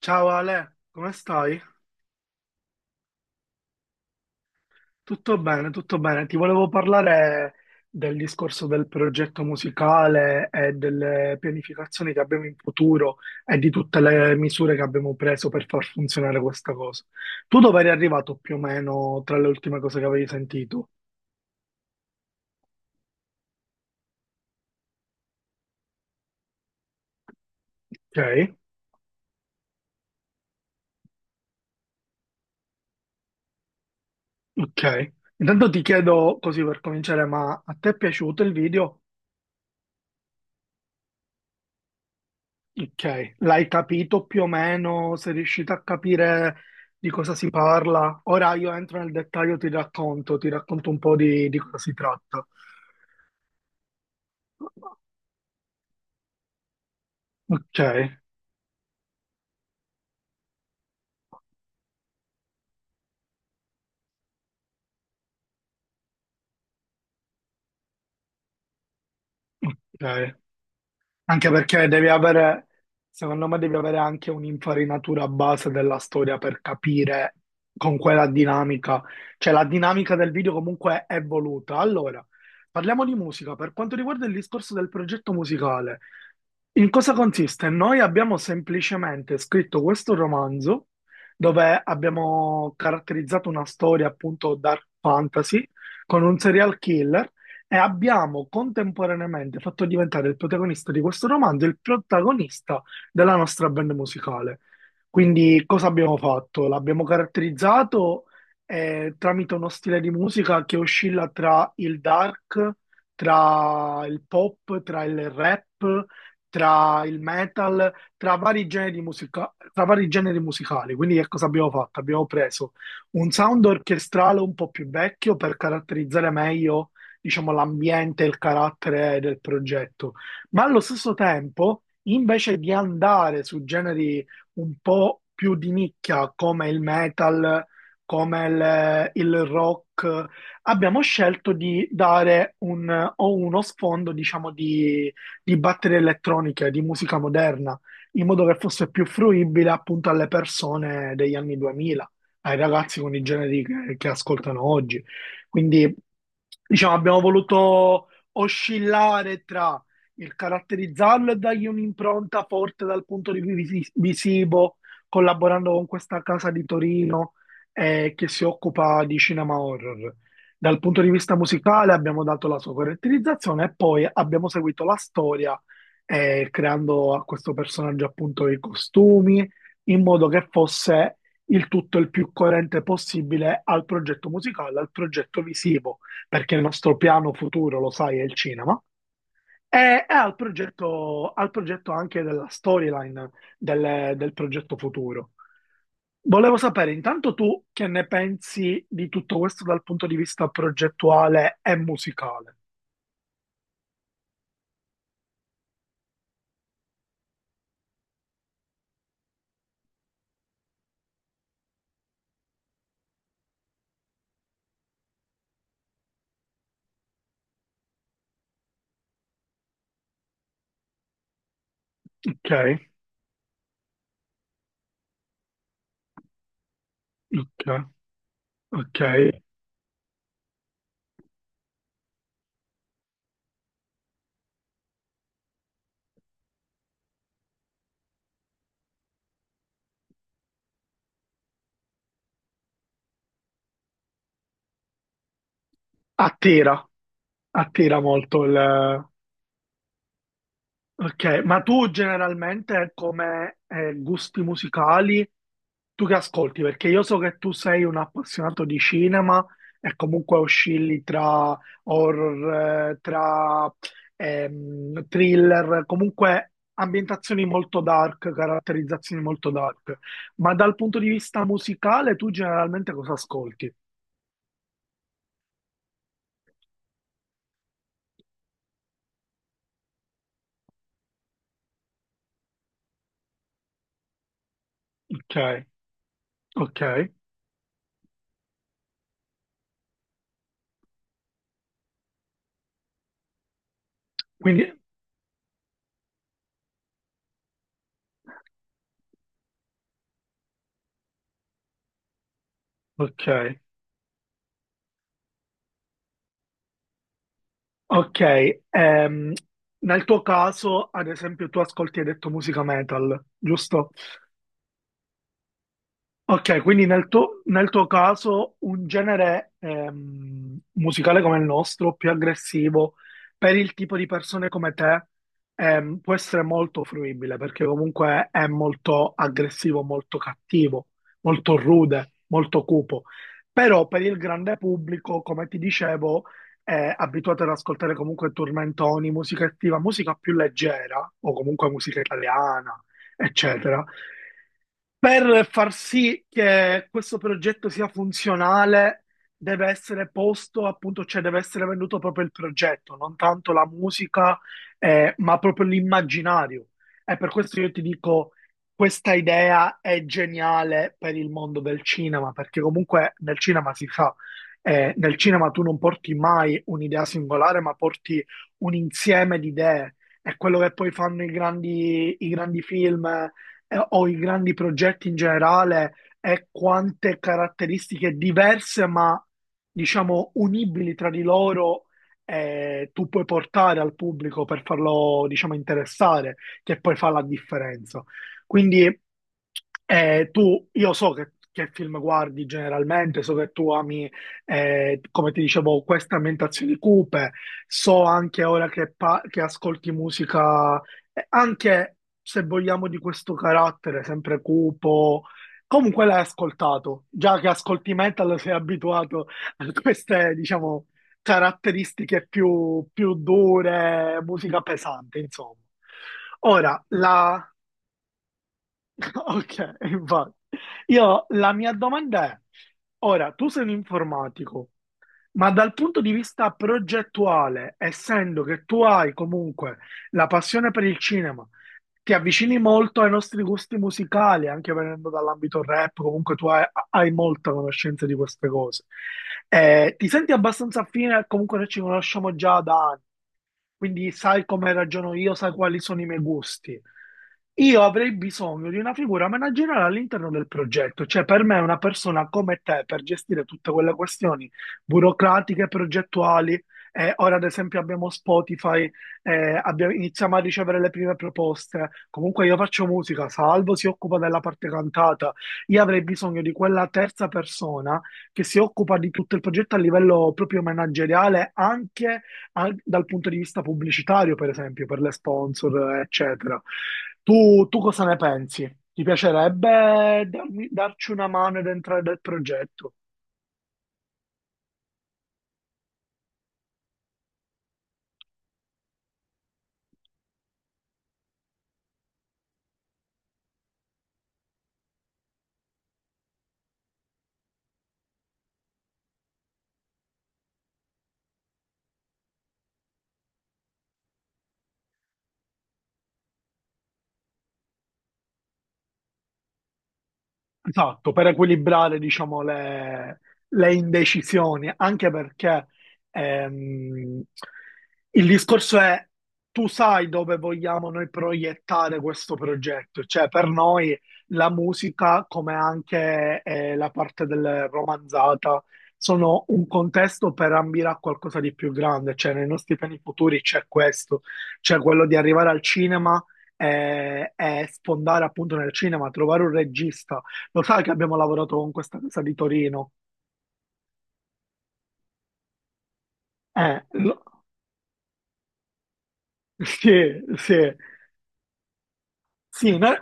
Ciao Ale, come stai? Tutto bene, tutto bene. Ti volevo parlare del discorso del progetto musicale e delle pianificazioni che abbiamo in futuro e di tutte le misure che abbiamo preso per far funzionare questa cosa. Tu dove eri arrivato più o meno tra le ultime cose che avevi sentito? Ok, ok. Intanto ti chiedo così per cominciare, ma a te è piaciuto il video? Ok, l'hai capito più o meno? Sei riuscito a capire di cosa si parla? Ora io entro nel dettaglio, ti racconto un po' di cosa si tratta. Ok, ok. Anche perché devi avere, secondo me devi avere anche un'infarinatura base della storia per capire con quella dinamica. Cioè la dinamica del video comunque è voluta. Allora, parliamo di musica. Per quanto riguarda il discorso del progetto musicale. In cosa consiste? Noi abbiamo semplicemente scritto questo romanzo dove abbiamo caratterizzato una storia appunto dark fantasy con un serial killer e abbiamo contemporaneamente fatto diventare il protagonista di questo romanzo il protagonista della nostra band musicale. Quindi cosa abbiamo fatto? L'abbiamo caratterizzato tramite uno stile di musica che oscilla tra il dark, tra il pop, tra il rap tra il metal, tra vari generi musicali. Quindi che cosa abbiamo fatto? Abbiamo preso un sound orchestrale un po' più vecchio per caratterizzare meglio, diciamo, l'ambiente e il carattere del progetto, ma allo stesso tempo, invece di andare su generi un po' più di nicchia come il metal, come il rock, abbiamo scelto di dare o uno sfondo, diciamo, di batterie elettroniche, di musica moderna, in modo che fosse più fruibile appunto alle persone degli anni 2000, ai ragazzi con i generi che ascoltano oggi. Quindi diciamo, abbiamo voluto oscillare tra il caratterizzarlo e dargli un'impronta forte dal punto di vista visivo, collaborando con questa casa di Torino che si occupa di cinema horror. Dal punto di vista musicale abbiamo dato la sua caratterizzazione e poi abbiamo seguito la storia creando a questo personaggio appunto i costumi in modo che fosse il tutto il più coerente possibile al progetto musicale, al progetto visivo perché il nostro piano futuro, lo sai, è il cinema, e al progetto anche della storyline del progetto futuro. Volevo sapere intanto tu che ne pensi di tutto questo dal punto di vista progettuale e musicale. Ok, ok, ok. Attira, attira molto il, Ok, ma tu generalmente come gusti musicali, tu che ascolti? Perché io so che tu sei un appassionato di cinema e comunque oscilli tra horror, tra thriller, comunque ambientazioni molto dark, caratterizzazioni molto dark. Ma dal punto di vista musicale, tu generalmente cosa ascolti? Ok, ok. Quindi, ok. Ok, ehm, nel tuo caso, ad esempio, tu ascolti, hai detto musica metal, giusto? Ok, quindi nel tuo caso un genere musicale come il nostro, più aggressivo, per il tipo di persone come te, può essere molto fruibile perché comunque è molto aggressivo, molto cattivo, molto rude, molto cupo. Però per il grande pubblico, come ti dicevo, è abituato ad ascoltare comunque tormentoni, musica attiva, musica più leggera o comunque musica italiana, eccetera. Per far sì che questo progetto sia funzionale, deve essere posto, appunto, cioè deve essere venduto proprio il progetto, non tanto la musica, ma proprio l'immaginario. E per questo io ti dico, questa idea è geniale per il mondo del cinema, perché comunque nel cinema si fa, nel cinema tu non porti mai un'idea singolare, ma porti un insieme di idee. È quello che poi fanno i grandi film o i grandi progetti in generale e quante caratteristiche diverse, ma diciamo unibili tra di loro, tu puoi portare al pubblico per farlo, diciamo, interessare, che poi fa la differenza. Quindi io so che film guardi generalmente, so che tu ami, come ti dicevo, queste ambientazioni cupe, so anche ora che, che ascolti musica e anche se vogliamo di questo carattere sempre cupo, comunque l'hai ascoltato, già che ascolti metal sei abituato a queste, diciamo, caratteristiche più dure, musica pesante, insomma. Ora, la... Ok, infatti. Io, la mia domanda è, ora, tu sei un informatico, ma dal punto di vista progettuale, essendo che tu hai comunque la passione per il cinema, ti avvicini molto ai nostri gusti musicali, anche venendo dall'ambito rap, comunque hai molta conoscenza di queste cose. Ti senti abbastanza affine, comunque noi ci conosciamo già da anni quindi sai come ragiono io, sai quali sono i miei gusti. Io avrei bisogno di una figura manageriale all'interno del progetto, cioè per me una persona come te per gestire tutte quelle questioni burocratiche, progettuali. Eh, ora ad esempio abbiamo Spotify, iniziamo a ricevere le prime proposte. Comunque io faccio musica, Salvo si occupa della parte cantata. Io avrei bisogno di quella terza persona che si occupa di tutto il progetto a livello proprio manageriale, anche dal punto di vista pubblicitario, per esempio, per le sponsor, eccetera. Tu cosa ne pensi? Ti piacerebbe darci una mano ed entrare nel progetto? Esatto, per equilibrare, diciamo, le indecisioni, anche perché ehm, il discorso è tu sai dove vogliamo noi proiettare questo progetto, cioè per noi la musica, come anche la parte del romanzata, sono un contesto per ambire a qualcosa di più grande, cioè nei nostri piani futuri c'è questo, c'è quello di arrivare al cinema e sfondare appunto nel cinema, trovare un regista lo sai che abbiamo lavorato con questa casa di Torino? Eh, lo- sì, sì, sì, no?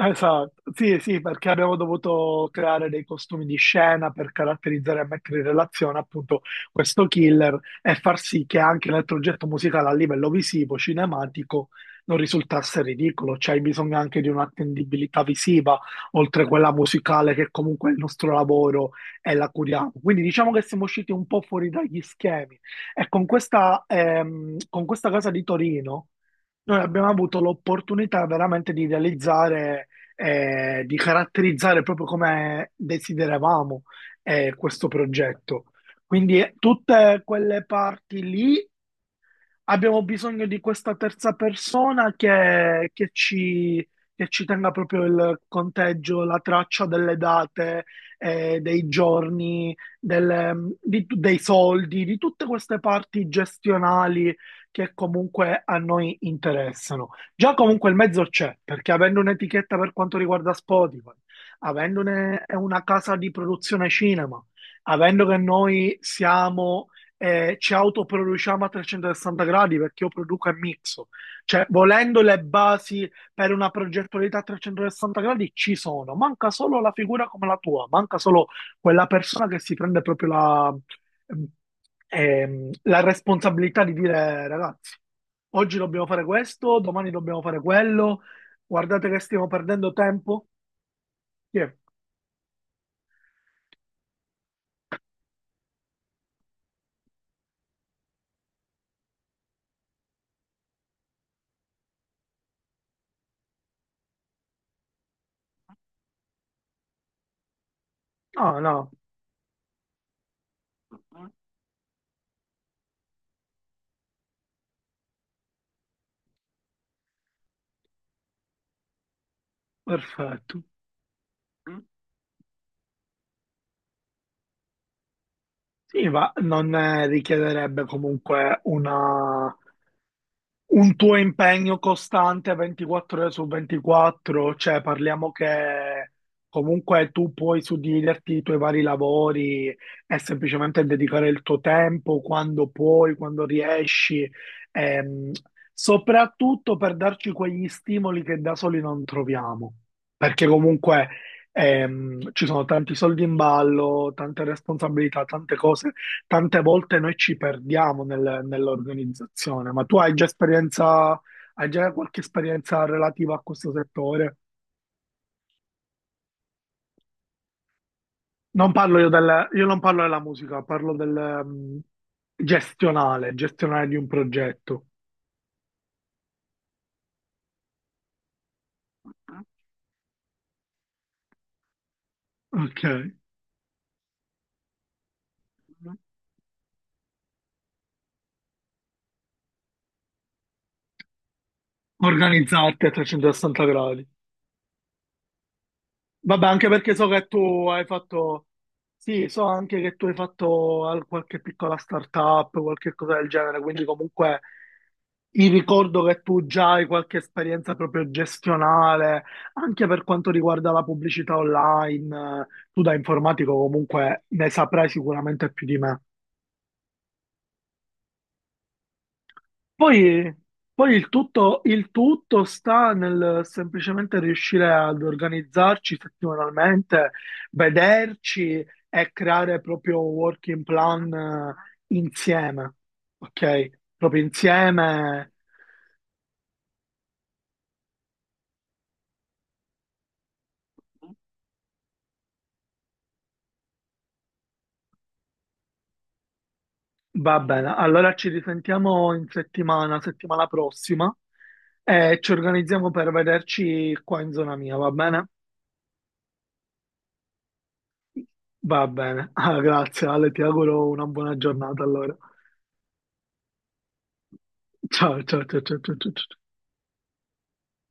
Esatto, sì, sì, perché abbiamo dovuto creare dei costumi di scena per caratterizzare e mettere in relazione appunto questo killer e far sì che anche il progetto musicale a livello visivo, cinematico, non risultasse ridicolo, cioè hai bisogno anche di un'attendibilità visiva, oltre a quella musicale che comunque è il nostro lavoro e la curiamo. Quindi diciamo che siamo usciti un po' fuori dagli schemi e con questa casa di Torino noi abbiamo avuto l'opportunità veramente di realizzare di caratterizzare proprio come desideravamo questo progetto. Quindi tutte quelle parti lì abbiamo bisogno di questa terza persona che ci tenga proprio il conteggio, la traccia delle date, dei giorni, dei soldi, di tutte queste parti gestionali che comunque a noi interessano. Già comunque il mezzo c'è, perché avendo un'etichetta per quanto riguarda Spotify, avendo una casa di produzione cinema, avendo che noi siamo e ci autoproduciamo a 360 gradi perché io produco e mixo. Cioè, volendo le basi per una progettualità a 360 gradi ci sono, manca solo la figura come la tua, manca solo quella persona che si prende proprio la, la responsabilità di dire, ragazzi, oggi dobbiamo fare questo, domani dobbiamo fare quello, guardate che stiamo perdendo tempo. Chi è? Ah, no, perfetto. Sì, ma non richiederebbe comunque un tuo impegno costante 24 ore su 24, cioè parliamo che comunque tu puoi suddividerti i tuoi vari lavori e semplicemente dedicare il tuo tempo quando puoi, quando riesci, ehm, soprattutto per darci quegli stimoli che da soli non troviamo, perché comunque ci sono tanti soldi in ballo, tante responsabilità, tante cose tante volte noi ci perdiamo nell'organizzazione, ma tu hai già esperienza, hai già qualche esperienza relativa a questo settore? Non parlo io del, io non parlo della musica, parlo del, gestionale, gestionale di un progetto. Mhm, Ok. Mhm. Organizzarti a 360 gradi. Vabbè, anche perché so che tu hai fatto, sì, so anche che tu hai fatto qualche piccola startup, qualche cosa del genere, quindi comunque il ricordo che tu già hai qualche esperienza proprio gestionale, anche per quanto riguarda la pubblicità online, tu da informatico comunque ne saprai sicuramente più di me. Poi, poi il tutto sta nel semplicemente riuscire ad organizzarci settimanalmente, vederci e creare proprio un working plan insieme, ok? Proprio insieme. Va bene, allora ci risentiamo in settimana, settimana prossima e ci organizziamo per vederci qua in zona mia, va bene? Va bene, Ah, grazie Ale, ti auguro una buona giornata allora. Ciao, ciao, ciao, ciao, ciao, ciao, ciao.